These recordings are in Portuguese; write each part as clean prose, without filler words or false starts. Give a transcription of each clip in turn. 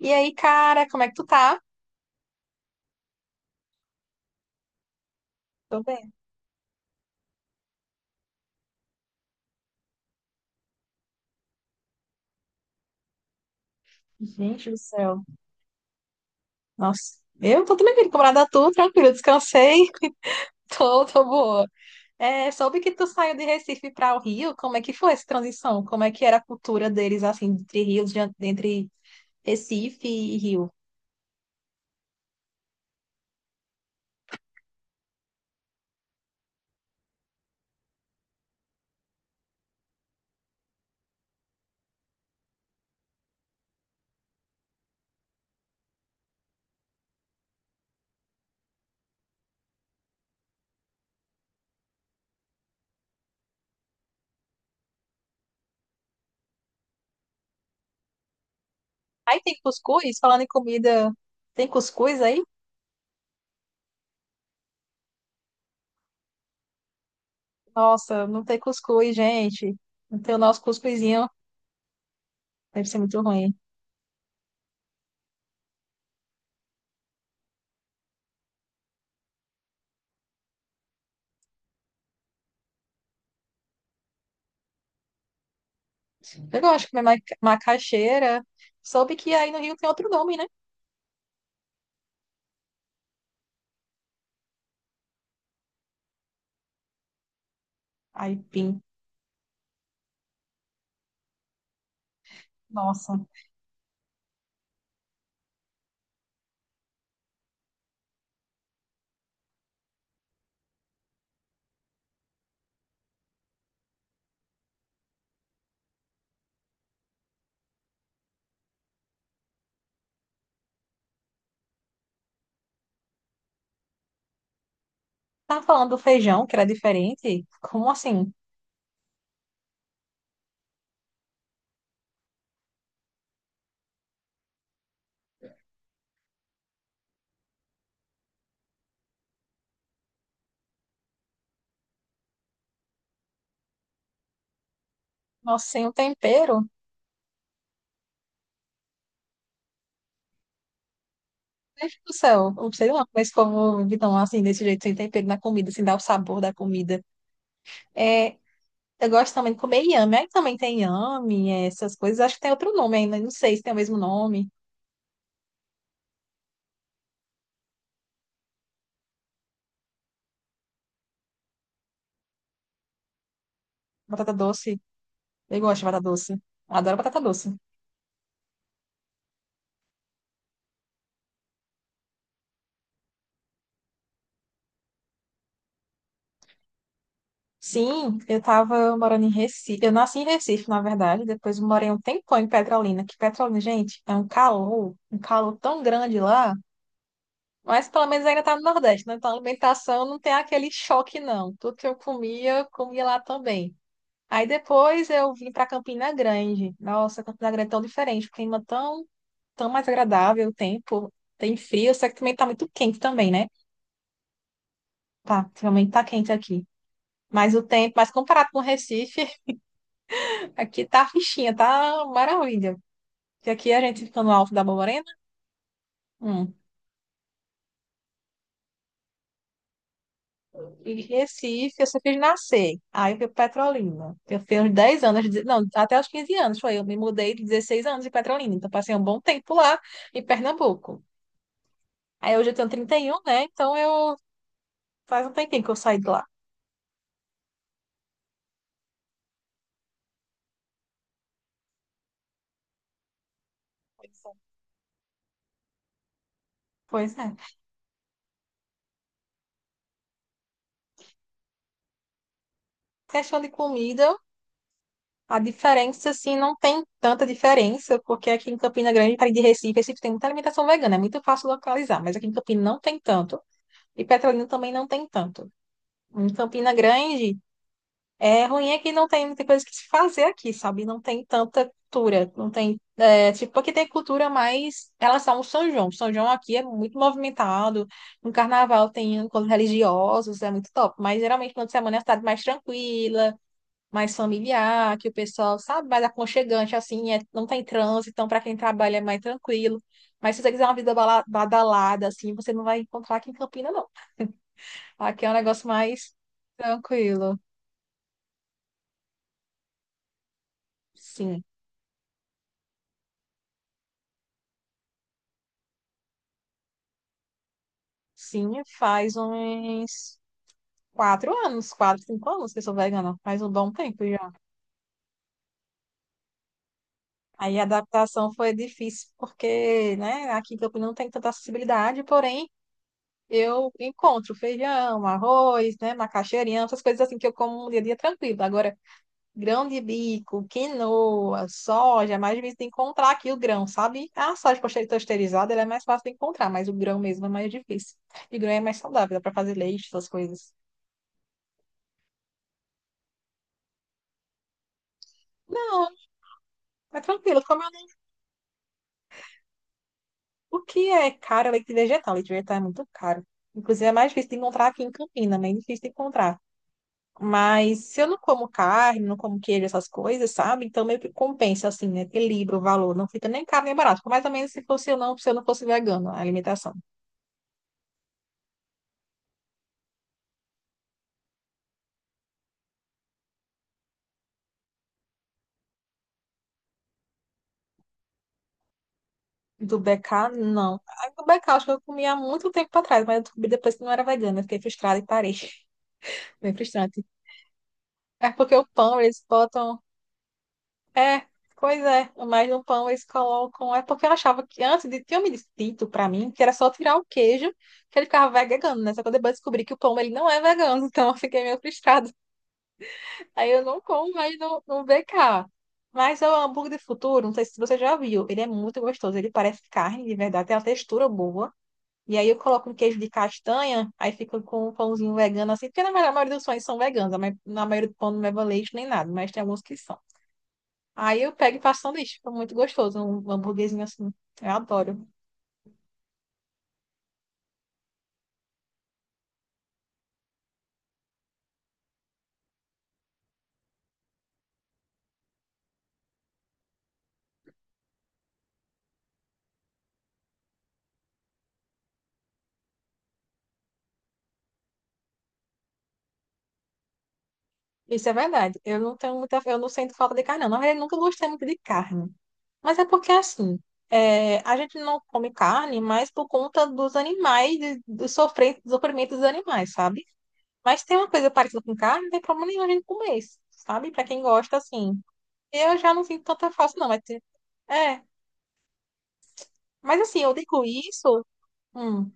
E aí, cara, como é que tu tá? Tô bem. Gente do céu. Nossa, eu tô também bem, camarada, tu, tranquilo, descansei, tô boa. É, soube que tu saiu de Recife para o Rio, como é que foi essa transição? Como é que era a cultura deles, assim, entre rios, entre Recife e Rio? Aí tem cuscuz, falando em comida, tem cuscuz aí? Nossa, não tem cuscuz, gente. Não tem o nosso cuscuzinho, deve ser muito ruim. Eu gosto de comer macaxeira, soube que aí no Rio tem outro nome, né? Aipim. Nossa. Tá falando do feijão, que era diferente? Como assim? Nossa, sem o tempero? Meu Deus do céu, eu não sei lá mas como esse assim, desse jeito, sem tempero na comida, sem dar o sabor da comida. É, eu gosto também de comer inhame. Aí também tem inhame, é, essas coisas. Acho que tem outro nome ainda, não sei se tem o mesmo nome. Batata doce. Eu gosto de batata doce. Adoro batata doce. Sim, eu tava morando em Recife. Eu nasci em Recife, na verdade. Depois morei um tempão em Petrolina. Que Petrolina, gente, é um calor tão grande lá. Mas pelo menos ainda tá no Nordeste, né? Então a alimentação não tem aquele choque, não. Tudo que eu comia lá também. Aí depois eu vim para Campina Grande. Nossa, Campina Grande é tão diferente, o clima tão, tão mais agradável, o tempo tem frio, só que também tá muito quente também, né? Tá, realmente tá quente aqui. Mas o tempo, mas comparado com o Recife, aqui tá fichinha, tá maravilha. Porque aqui a gente fica no alto da Borborema. Hum. Em Recife, você fiz nascer. Aí eu fui para Petrolina. Eu fiquei uns 10 anos, não, até os 15 anos foi. Eu me mudei de 16 anos em Petrolina. Então passei um bom tempo lá em Pernambuco. Aí hoje eu tenho 31, né? Então eu faz um tempinho que eu saí de lá. Pois é. Questão de comida, a diferença, assim, não tem tanta diferença, porque aqui em Campina Grande, para ir de Recife, Recife tem muita alimentação vegana, é muito fácil localizar, mas aqui em Campina não tem tanto, e Petrolina também não tem tanto. Em Campina Grande, é ruim é que não tem muita coisa que se fazer aqui, sabe? Não tem tanta cultura, não tem, é, tipo, aqui tem cultura mais em relação ao São João. São João aqui é muito movimentado, no carnaval tem encontros religiosos, é muito top, mas geralmente quando semana é uma cidade mais tranquila, mais familiar, que o pessoal, sabe, mais aconchegante, assim, é, não tem trânsito, então para quem trabalha é mais tranquilo. Mas se você quiser uma vida badalada, assim, você não vai encontrar aqui em Campina, não. Aqui é um negócio mais tranquilo, sim. Sim, faz uns 4 anos, quatro, 5 anos que eu sou vegana, faz um bom tempo já. Aí a adaptação foi difícil, porque, né, aqui em Campinas não tem tanta acessibilidade, porém eu encontro feijão, arroz, né, macaxeirinha, essas coisas assim que eu como no dia a dia tranquilo. Agora, grão de bico, quinoa, soja, é mais difícil de encontrar aqui o grão, sabe? A soja pasteurizada, ela é mais fácil de encontrar, mas o grão mesmo é mais difícil. E grão é mais saudável, dá pra fazer leite, essas coisas. Não, é tranquilo. Como o que é caro é leite vegetal. Leite vegetal é muito caro. Inclusive, é mais difícil de encontrar aqui em Campinas, né? É difícil de encontrar. Mas se eu não como carne, não como queijo, essas coisas, sabe? Então meio que compensa, assim, né? Equilibra o valor. Não fica nem caro nem barato. Fica mais ou menos se fosse eu não, se eu não fosse vegano, a alimentação. Do BK, não. A do BK, acho que eu comia há muito tempo atrás, mas eu descobri depois que não era vegana. Eu fiquei frustrada e parei. Bem frustrante. É porque o pão, eles botam. É, pois é. Mas no pão eles colocam. É porque eu achava que antes de tinha me dito pra mim que era só tirar o queijo que ele ficava vegano, né? Só que eu depois descobri que o pão ele não é vegano, então eu fiquei meio frustrada. Aí eu não como mais no BK. Mas é o hambúrguer de futuro, não sei se você já viu. Ele é muito gostoso. Ele parece carne, de verdade, tem uma textura boa. E aí eu coloco um queijo de castanha, aí fica com um pãozinho vegano assim, porque na verdade a maioria dos pães são veganos, mas na maioria do pão não leva leite nem nada, mas tem alguns que são. Aí eu pego e faço sanduíche. Fica muito gostoso, um hambúrguerzinho assim. Eu adoro. Isso é verdade. Eu não tenho muita, eu não sinto falta de carne, não. Na verdade, eu nunca gostei muito de carne. Mas é porque assim, é, a gente não come carne mais por conta dos animais, do sofrimento dos animais, sabe? Mas tem uma coisa parecida com carne, não tem problema nenhum a gente comer, sabe? Pra quem gosta, assim. Eu já não sinto tanta falta, não. Mas, tem- é. Mas assim, eu digo isso. hum,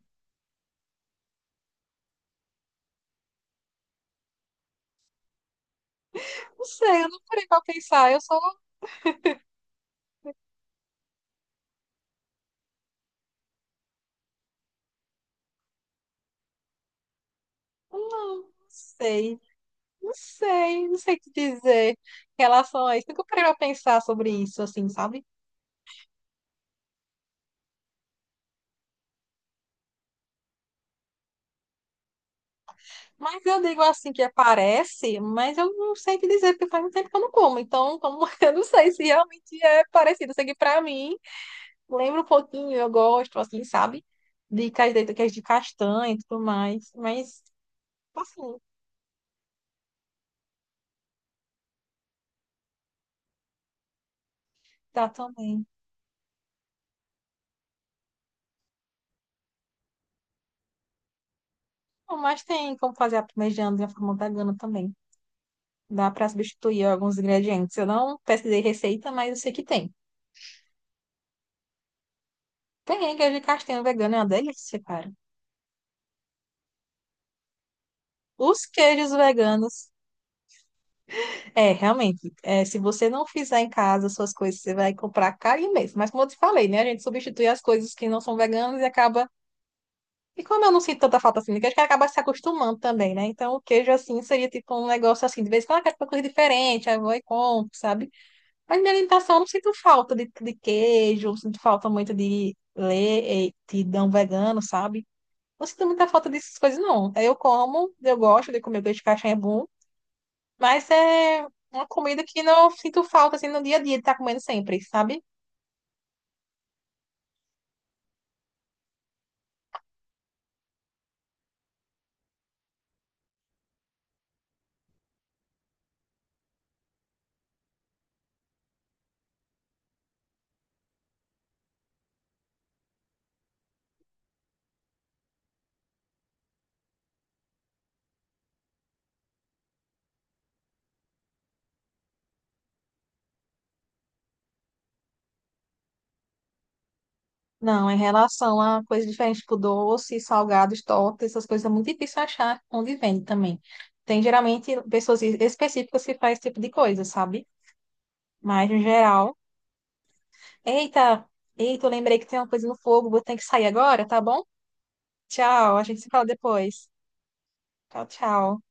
não sei, eu não parei pra pensar. Eu só. hum, Não sei. Não sei, não sei o que dizer em relação a isso. Nunca parei pra pensar sobre isso, assim, sabe? Mas eu digo assim que aparece, mas eu não sei o que dizer, porque faz um tempo que eu não como. Então, como eu não sei se realmente é parecido. Eu sei que pra mim, lembra um pouquinho, eu gosto, assim, sabe? De castanha, que é de castanha e tudo mais. Mas, assim, dá também. Não, mas tem como fazer a parmegiana de uma forma vegana também. Dá pra substituir alguns ingredientes. Eu não pesquisei receita, mas eu sei que tem. Tem queijo de castanha vegano, é uma delícia, cara. Os queijos veganos. É, realmente, é, se você não fizer em casa suas coisas, você vai comprar caro mesmo. Mas como eu te falei, né? A gente substitui as coisas que não são veganas e acaba. E como eu não sinto tanta falta assim de queijo, que acaba se acostumando também, né? Então o queijo assim seria tipo um negócio assim, de vez em quando eu quero uma coisa diferente, aí eu vou e compro, sabe? Mas minha alimentação eu não sinto falta de queijo, não sinto falta muito de leite, não vegano, sabe? Não sinto muita falta dessas coisas, não. É, eu como, eu gosto de comer peixe de caixinha, é bom, mas é uma comida que não sinto falta, assim, no dia a dia, de estar comendo sempre, sabe? Não, em relação a coisas diferentes, tipo doce, salgados, tortas, essas coisas é muito difícil achar onde vende também. Tem geralmente pessoas específicas que fazem esse tipo de coisa, sabe? Mas no geral. Eita, eita, eu lembrei que tem uma coisa no fogo, vou ter que sair agora, tá bom? Tchau, a gente se fala depois. Tchau, tchau.